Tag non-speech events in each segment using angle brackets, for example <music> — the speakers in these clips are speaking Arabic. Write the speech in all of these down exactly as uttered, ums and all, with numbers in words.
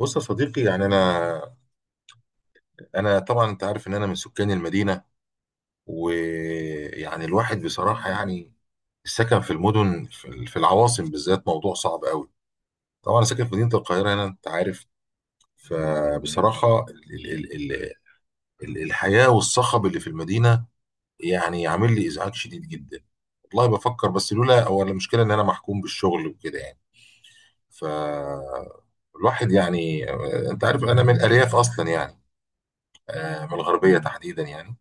بص يا صديقي، يعني انا انا طبعا انت عارف ان انا من سكان المدينه. ويعني الواحد بصراحه، يعني السكن في المدن، في في العواصم بالذات، موضوع صعب قوي. طبعا انا ساكن في مدينه القاهره هنا، انت عارف. فبصراحه، ال ال ال ال الحياه والصخب اللي في المدينه، يعني عامل لي ازعاج شديد جدا. والله بفكر، بس لولا هو المشكله ان انا محكوم بالشغل وكده يعني. ف الواحد يعني، انت عارف انا من الارياف اصلا يعني، آه، من الغربيه تحديدا يعني.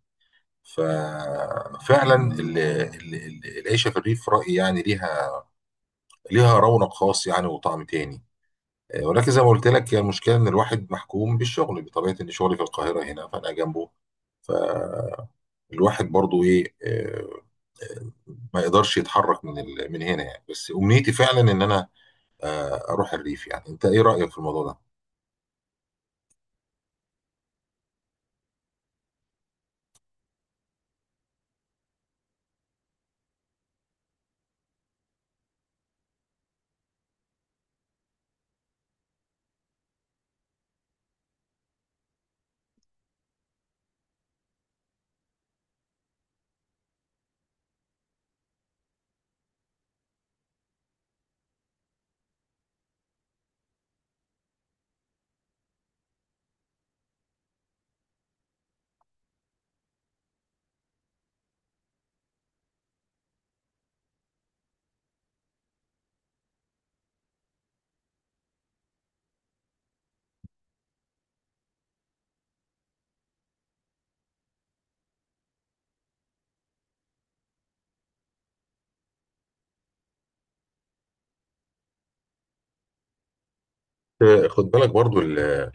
ففعلا ال- ال- ال- العيشه في الريف، رايي يعني ليها ليها رونق خاص يعني، وطعم تاني. آه، ولكن زي ما قلت لك، هي المشكله ان الواحد محكوم بالشغل، بطبيعه ان شغلي في القاهره هنا فانا جنبه. فالواحد برضو ايه، آه، ما يقدرش يتحرك من ال- من هنا يعني. بس امنيتي فعلا ان انا، آه، اروح الريف. يعني انت ايه رايك في الموضوع ده؟ آه، خد بالك برضو ال-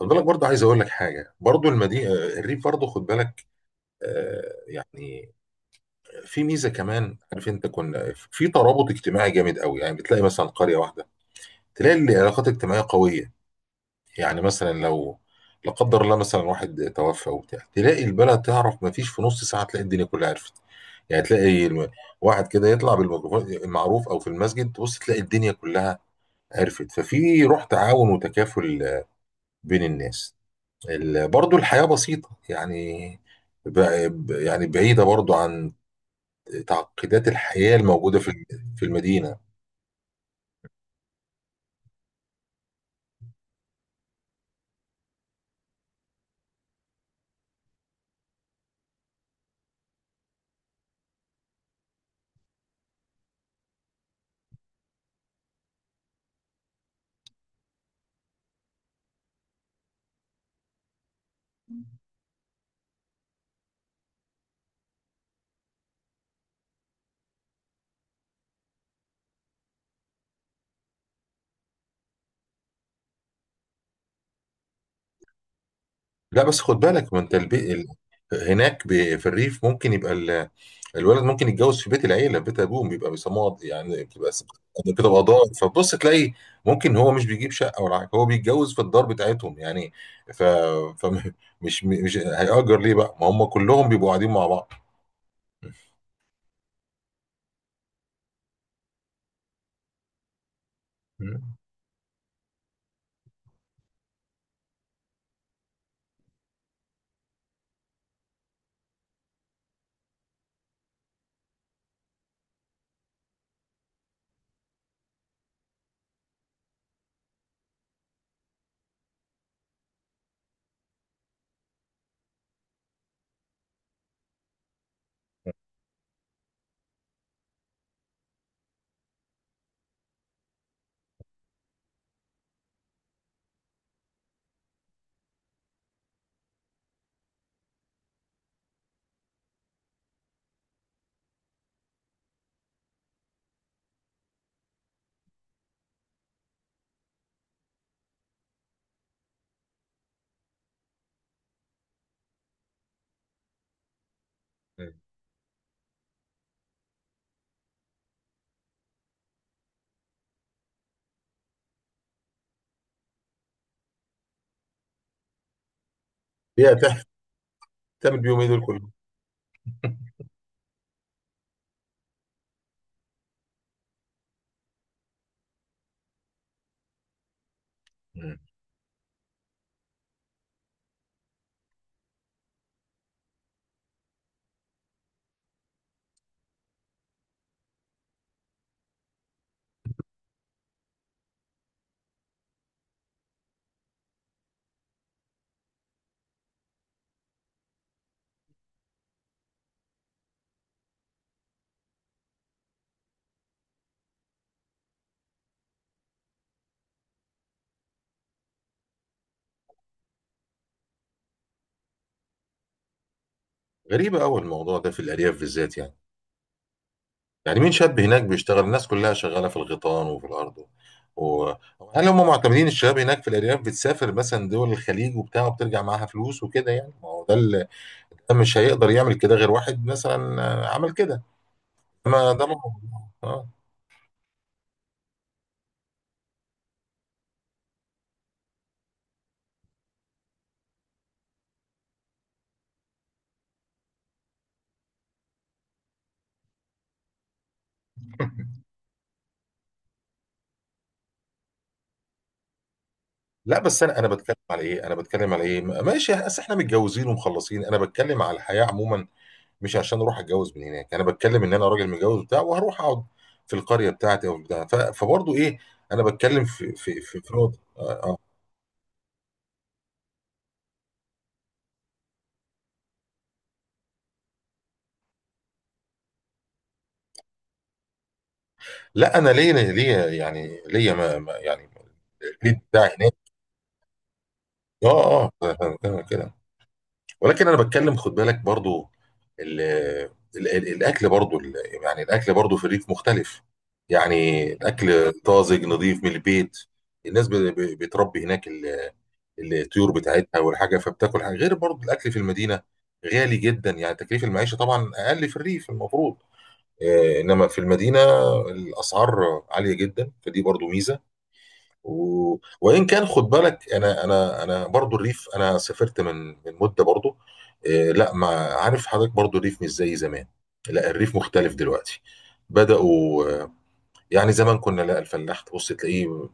خد بالك برضو، عايز اقول لك حاجه. برضو المدينه، الريف، برضو خد بالك، آه، يعني في ميزه كمان. عارف انت كنا في ترابط اجتماعي جامد قوي، يعني بتلاقي مثلا قريه واحده، تلاقي العلاقات الاجتماعيه قويه. يعني مثلا لو لا قدر الله مثلا واحد توفى وبتاع، تلاقي البلد تعرف ما فيش في نص ساعه تلاقي الدنيا كلها عرفت. يعني تلاقي الم- واحد كده يطلع بالميكروفون المعروف، او في المسجد، تبص تلاقي الدنيا كلها عرفت. ففي روح تعاون وتكافل، آه، بين الناس. ال- برضو الحياه بسيطه يعني، ب- ب- يعني بعيده برضو عن تعقيدات الحياة الموجودة في في المدينة. لا بس خد بالك، ما انت البي... ال... هناك، ب... في الريف ممكن يبقى ال... الولد ممكن يتجوز في بيت العيلة، في بيت أبوه، بيبقى بيسموها يعني، بتبقى س- كده قضاء. فبص تلاقي ممكن هو مش بيجيب شقة ولا حاجة، هو بيتجوز في الدار بتاعتهم يعني. ف... فمش، مش مش هيأجر ليه بقى، ما هم كلهم بيبقوا قاعدين مع بعض. مم. <laughs> هي هتعمل بيهم ايه دول كلهم؟ مم. غريبة أوي الموضوع ده في الأرياف بالذات يعني. يعني مين شاب هناك بيشتغل؟ الناس كلها شغالة في الغيطان وفي الأرض، و... و- هل هم معتمدين؟ الشباب هناك في الأرياف بتسافر مثلا دول الخليج وبتاع، وبترجع معاها فلوس وكده يعني؟ ما هو ده اللي، ده مش هيقدر يعمل كده غير واحد مثلا، آه، عمل كده. ما ده مو- اه. لا بس انا انا، بتكلم على ايه انا بتكلم على ايه، ماشي، اصل احنا متجوزين ومخلصين، انا بتكلم على الحياة عموما. مش عشان اروح اتجوز من هناك، انا بتكلم ان انا راجل متجوز بتاع، وهروح اقعد في القرية بتاعتي او بتاع. ف... فبرضه ايه، انا بتكلم في في في في نقطة. لا انا ليا ليا يعني ليا، ما ما- يعني، ليه بتاع هناك، اه، اه، كده. ولكن انا بتكلم خد بالك، برضو ال ال ال الاكل برضو ال يعني الاكل برضو في الريف مختلف. يعني الاكل طازج نظيف من البيت، الناس ب- ب- بتربي هناك ال- الطيور بتاعتها والحاجه، فبتاكل حاجه غير برضو الاكل في المدينه. غالي جدا يعني، تكليف المعيشه طبعا اقل في الريف المفروض، آه، انما في المدينه الاسعار عاليه جدا، فدي برضو ميزه. و... وان كان خد بالك، انا انا انا برضو الريف انا سافرت من من مده برضو. إيه لا، ما عارف حضرتك، برضو الريف مش زي زمان. لا، الريف مختلف دلوقتي، بداوا آه، يعني زمان كنا لا، الفلاح تبص تلاقيه،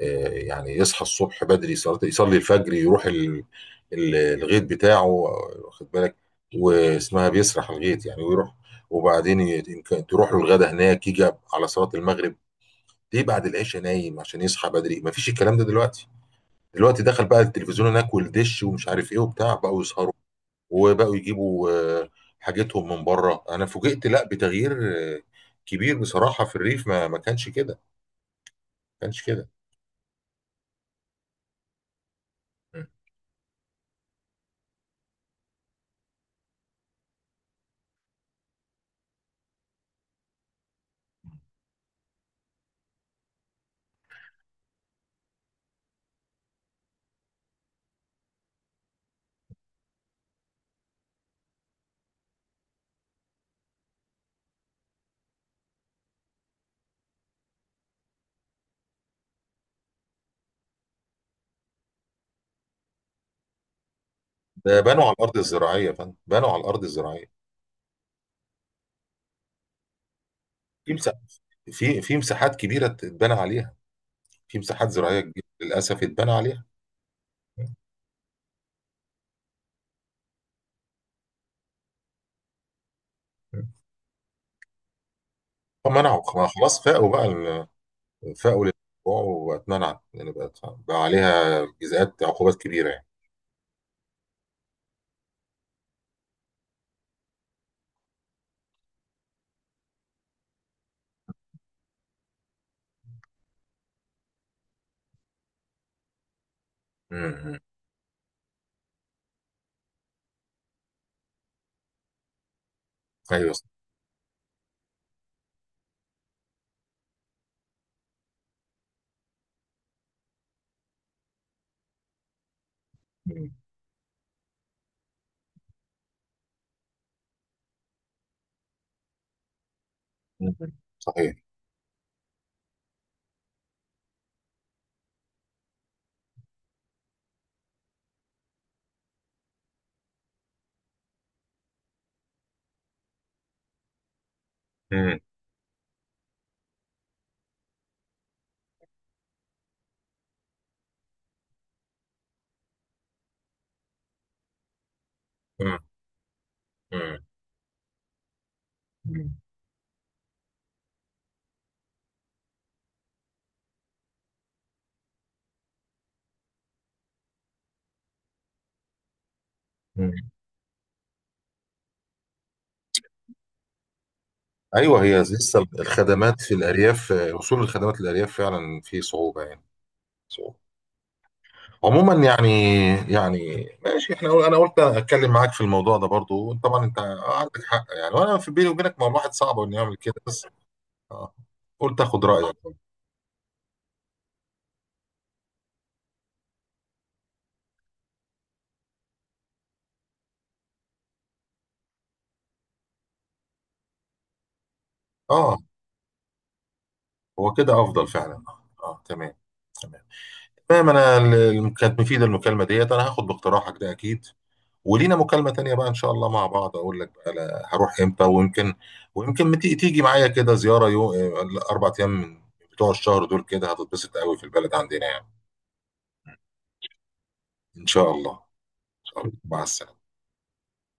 آه، يعني يصحى الصبح بدري، صلاة يصلي الفجر، يروح ال... ال- الغيط بتاعه، واخد بالك، واسمها بيسرح الغيط يعني، ويروح. وبعدين ي- يمكن تروح له الغدا هناك، يجي على صلاة المغرب. ليه بعد العشاء نايم عشان يصحى بدري. مفيش الكلام ده دلوقتي. دلوقتي دخل بقى التلفزيون هناك والدش ومش عارف ايه وبتاع، بقوا يسهروا، وبقوا يجيبوا، آه، حاجتهم من بره. انا فوجئت لا بتغيير، آه، كبير بصراحة في الريف. ما ما كانش كده ما كانش كده م. ده بنوا على الارض الزراعية يا فندم، بنوا على الارض الزراعية. في مساحات في في مساحات كبيرة اتبنى عليها. في مساحات زراعية كبيرة للاسف اتبنى عليها. م. م. منعوا، ما خلاص، فاقوا بقى ال- فاقوا للموضوع، واتمنعت يعني، بقت بقى عليها جزاءات عقوبات كبيرة يعني. م- م. ايوه صح. مم. صحيح. مم. مم. مم. مم. مم. ايوه، هي لسه الخدمات في الارياف، وصول الخدمات للارياف فعلا في صعوبه يعني. صعوبه عموما يعني. يعني ماشي، احنا قل- انا قلت اتكلم معاك في الموضوع ده. برضو طبعا انت عندك حق يعني، وانا في بيني وبينك، ما الواحد صعب انه يعمل كده بس. آه. قلت اخد رايك. اه، هو كده افضل فعلا. اه، تمام، تمام، تمام. انا ال- الم- كانت مفيده المكالمه ديت، انا هاخد باقتراحك ده اكيد. ولينا مكالمة تانية بقى إن شاء الله، مع بعض أقول لك بقى لا- هروح إمتى، ويمكن ويمكن متي- تيجي معايا كده زيارة يوم، أربع أيام من بتوع الشهر دول، كده هتتبسط قوي في البلد عندنا يعني. إن شاء الله. إن شاء الله، مع السلامة.